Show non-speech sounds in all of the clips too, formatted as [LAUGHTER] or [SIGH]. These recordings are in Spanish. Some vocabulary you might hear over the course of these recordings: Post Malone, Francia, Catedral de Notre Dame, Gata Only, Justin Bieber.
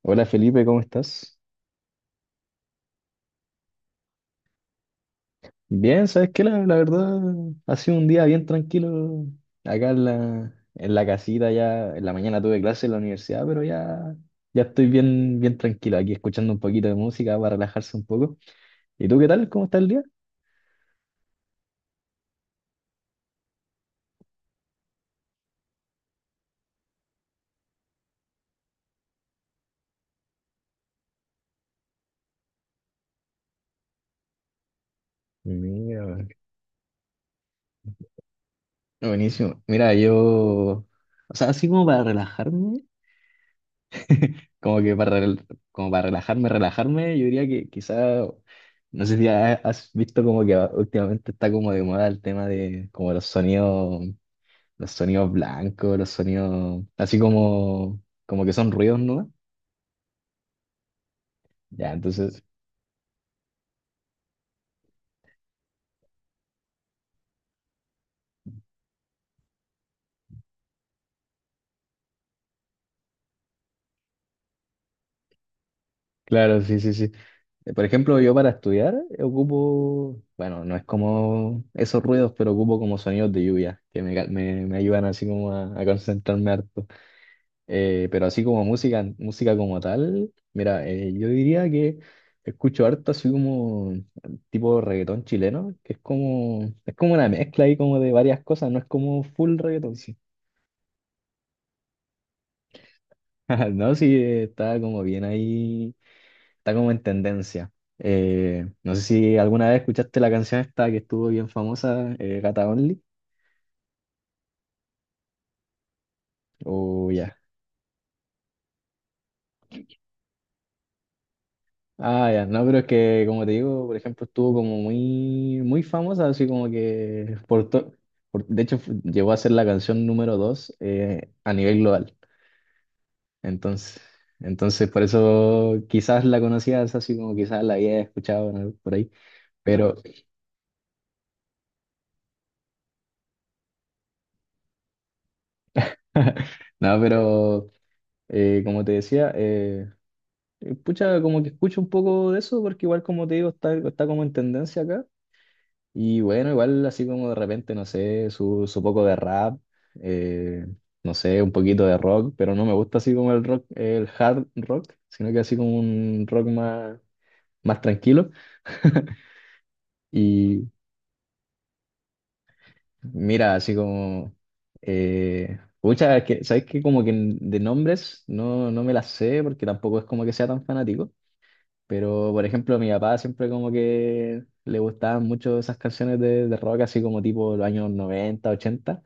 Hola Felipe, ¿cómo estás? Bien, ¿sabes qué? La verdad ha sido un día bien tranquilo acá en la casita ya, en la mañana tuve clase en la universidad, pero ya estoy bien, bien tranquilo aquí escuchando un poquito de música para relajarse un poco. ¿Y tú qué tal? ¿Cómo está el día? Mira, buenísimo. Mira, yo, o sea, así como para relajarme, como que para, rel- como para relajarme, relajarme, yo diría que quizá. No sé si has visto como que últimamente está como de moda el tema de como los sonidos, blancos, los sonidos así como que son ruidos, ¿no? Ya, entonces, claro, sí, sí, sí. Por ejemplo, yo para estudiar ocupo, bueno, no es como esos ruidos, pero ocupo como sonidos de lluvia, que me ayudan así como a concentrarme harto. Pero así como música, música como tal, mira, yo diría que escucho harto así como tipo reggaetón chileno, que es como una mezcla ahí como de varias cosas, no es como full reggaetón, sí. [LAUGHS] No, sí, está como bien ahí, está como en tendencia. No sé si alguna vez escuchaste la canción esta que estuvo bien famosa, Gata Only, o ya. Ah, ya, no, pero es que, como te digo, por ejemplo, estuvo como muy, muy famosa, así como que, de hecho, llegó a ser la canción número 2, a nivel global. Entonces, entonces, por eso quizás la conocías, así como quizás la había escuchado, ¿no? Por ahí, pero, [LAUGHS] no, pero, como te decía, pucha, como que escucho un poco de eso, porque igual, como te digo, está como en tendencia acá. Y bueno, igual así como de repente, no sé, su poco de rap, eh, no sé, un poquito de rock, pero no me gusta así como el rock, el hard rock, sino que así como un rock más tranquilo. Y mira, así como, pucha, es que, ¿sabes qué? Como que de nombres no me las sé porque tampoco es como que sea tan fanático, pero por ejemplo, a mi papá siempre como que le gustaban mucho esas canciones de rock, así como tipo los años 90 ochenta.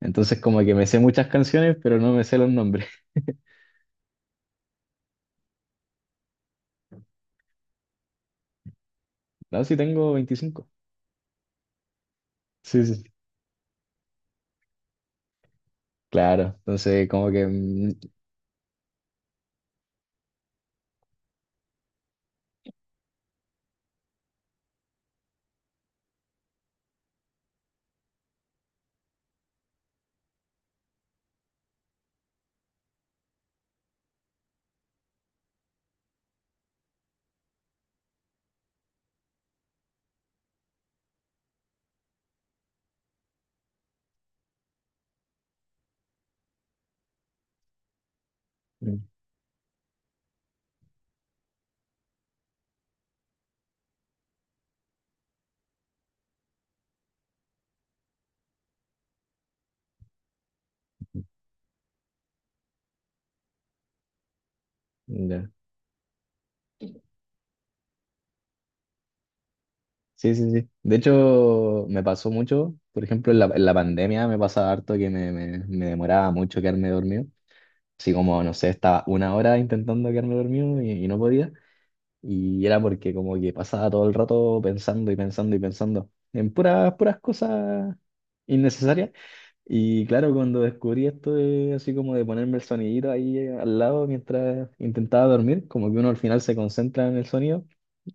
Entonces como que me sé muchas canciones, pero no me sé los nombres. [LAUGHS] No, sí tengo 25. Sí, sí. Claro, entonces como que mm, ya. Sí, sí, sí. De hecho, me pasó mucho, por ejemplo, en la pandemia me pasaba harto que me demoraba mucho quedarme dormido. Así como, no sé, estaba una hora intentando quedarme dormido y no podía. Y era porque como que pasaba todo el rato pensando y pensando y pensando en puras, puras cosas innecesarias. Y claro, cuando descubrí esto de, así como de ponerme el sonidito ahí, al lado mientras intentaba dormir, como que uno al final se concentra en el sonido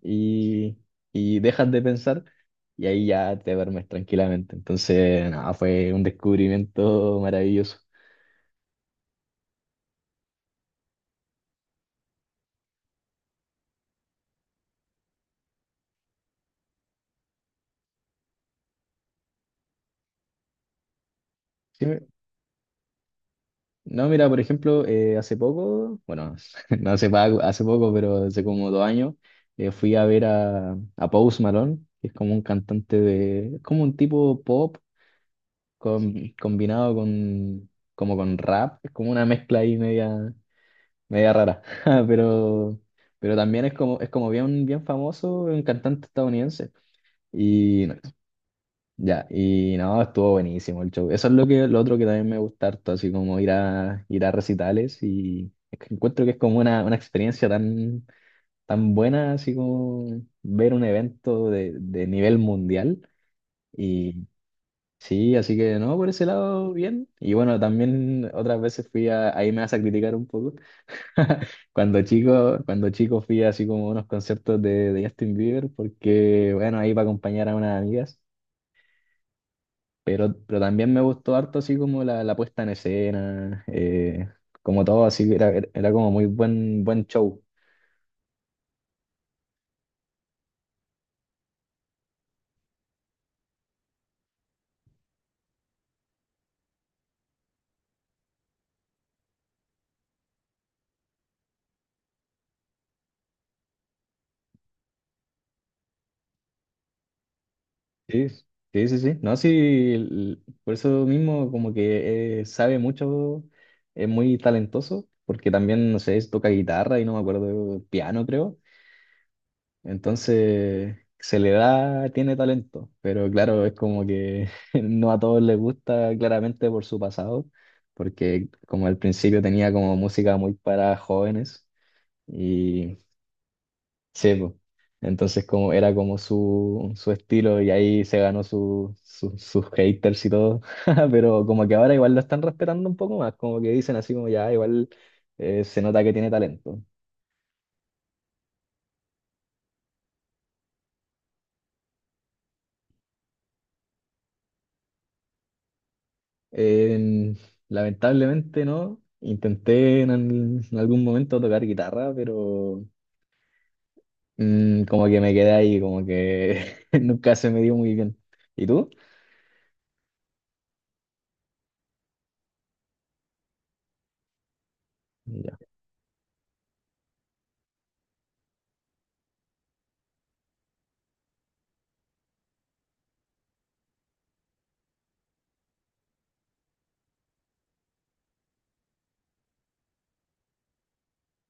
y, y dejas de pensar y ahí ya te duermes tranquilamente. Entonces, nada, fue un descubrimiento maravilloso. Sí, no, mira, por ejemplo, hace poco, bueno, [LAUGHS] no hace, pa- hace poco, pero hace como 2 años, fui a ver a Post Malone, que es como un cantante de, es como un tipo pop con- combinado como con rap, es como una mezcla ahí media rara. [LAUGHS] pero, pero, también es como bien, bien famoso, un cantante estadounidense. Y ya, y no, estuvo buenísimo el show. Eso es lo que, lo otro que también me gusta harto, así como ir a recitales y es que encuentro que es como una experiencia tan, tan buena, así como ver un evento de nivel mundial. Y sí, así que no, por ese lado, bien. Y bueno, también otras veces fui a, ahí me vas a criticar un poco. [LAUGHS] Cuando chico fui así como a unos conciertos de Justin Bieber, porque bueno, ahí para acompañar a unas amigas. Pero también me gustó harto así como la puesta en escena, como todo, así era como muy buen, buen show. Sí, sí, sí, sí. No, sí, por eso mismo, como que sabe mucho, es muy talentoso, porque también, no sé, toca guitarra y no me acuerdo, piano creo. Entonces, se le da, tiene talento, pero claro, es como que [LAUGHS] no a todos les gusta claramente por su pasado, porque como al principio tenía como música muy para jóvenes y sí, po. Entonces como era como su estilo y ahí se ganó sus haters y todo. [LAUGHS] Pero como que ahora igual lo están respetando un poco más, como que dicen así como ya, igual, se nota que tiene talento. En- Lamentablemente no. Intenté en algún momento tocar guitarra, pero como que me quedé ahí, como que [LAUGHS] nunca se me dio muy bien. ¿Y tú? Ya,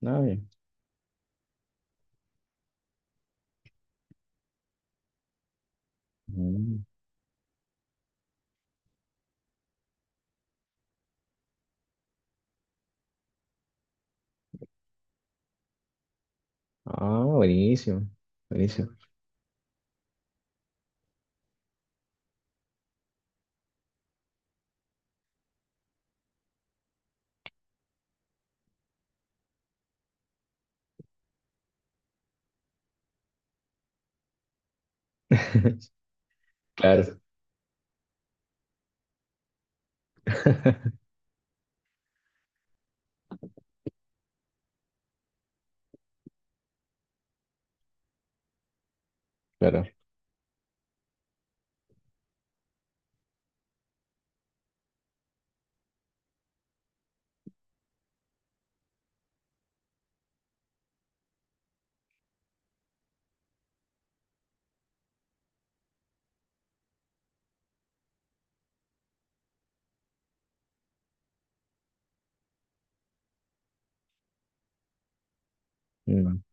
nada bien. Mm. Ah, buenísimo. Buenísimo. [LAUGHS] Claro, [LAUGHS] claro. Mm,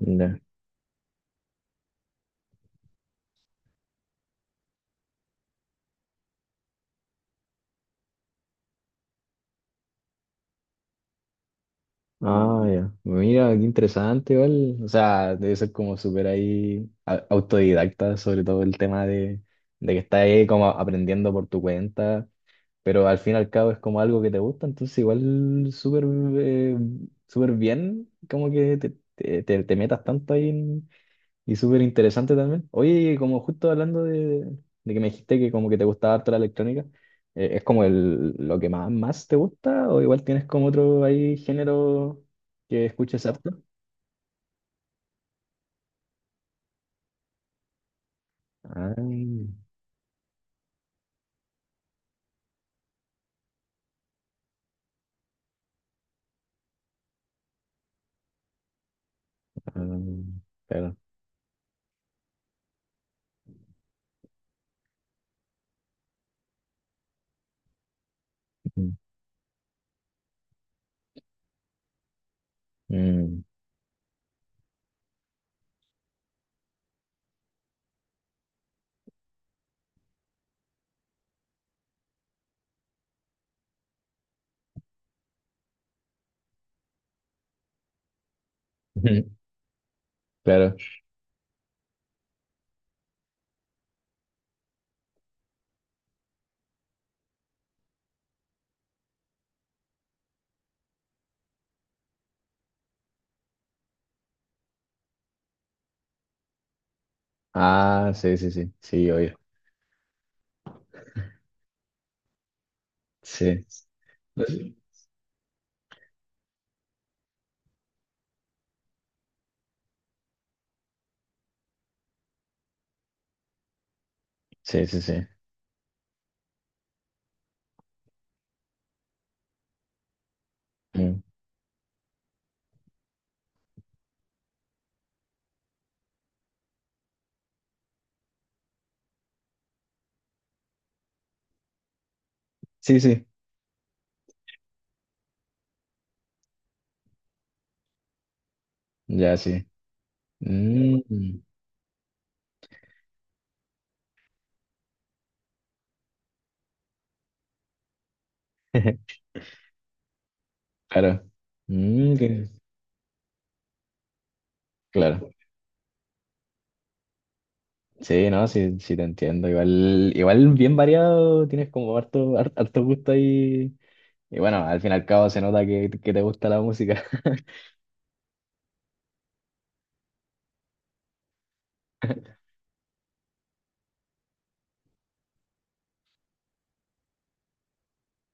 ya. Ah, ya. Mira, qué interesante, igual. O sea, debe ser como súper ahí, autodidacta, sobre todo el tema de que estás ahí como aprendiendo por tu cuenta, pero al fin y al cabo es como algo que te gusta, entonces igual súper, eh, súper bien, como que te metas tanto ahí y súper interesante también. Oye, como justo hablando de que me dijiste que como que te gustaba harto la electrónica, ¿es como lo que más te gusta o igual tienes como otro ahí género que escuches harto? Ah, ah, claro. Mm, mm, [LAUGHS] claro. Ah, sí, sí, sí, sí, oye, sí. Sí, sí, sí. Mm. Sí, sí, ya sí. Mm. [LAUGHS] Claro. Mm, claro. Sí, no, sí, sí te entiendo. Igual bien variado, tienes como harto gusto ahí. Y bueno, al fin y al cabo se nota que te gusta la música. [LAUGHS]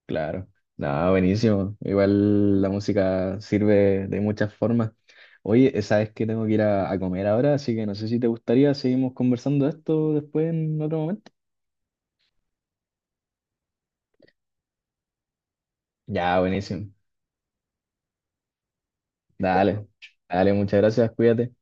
Claro. No, buenísimo. Igual la música sirve de muchas formas. Oye, sabes que tengo que ir a comer ahora, así que no sé si te gustaría, seguimos conversando de esto después en otro momento. Ya, buenísimo. Dale, dale, muchas gracias, cuídate.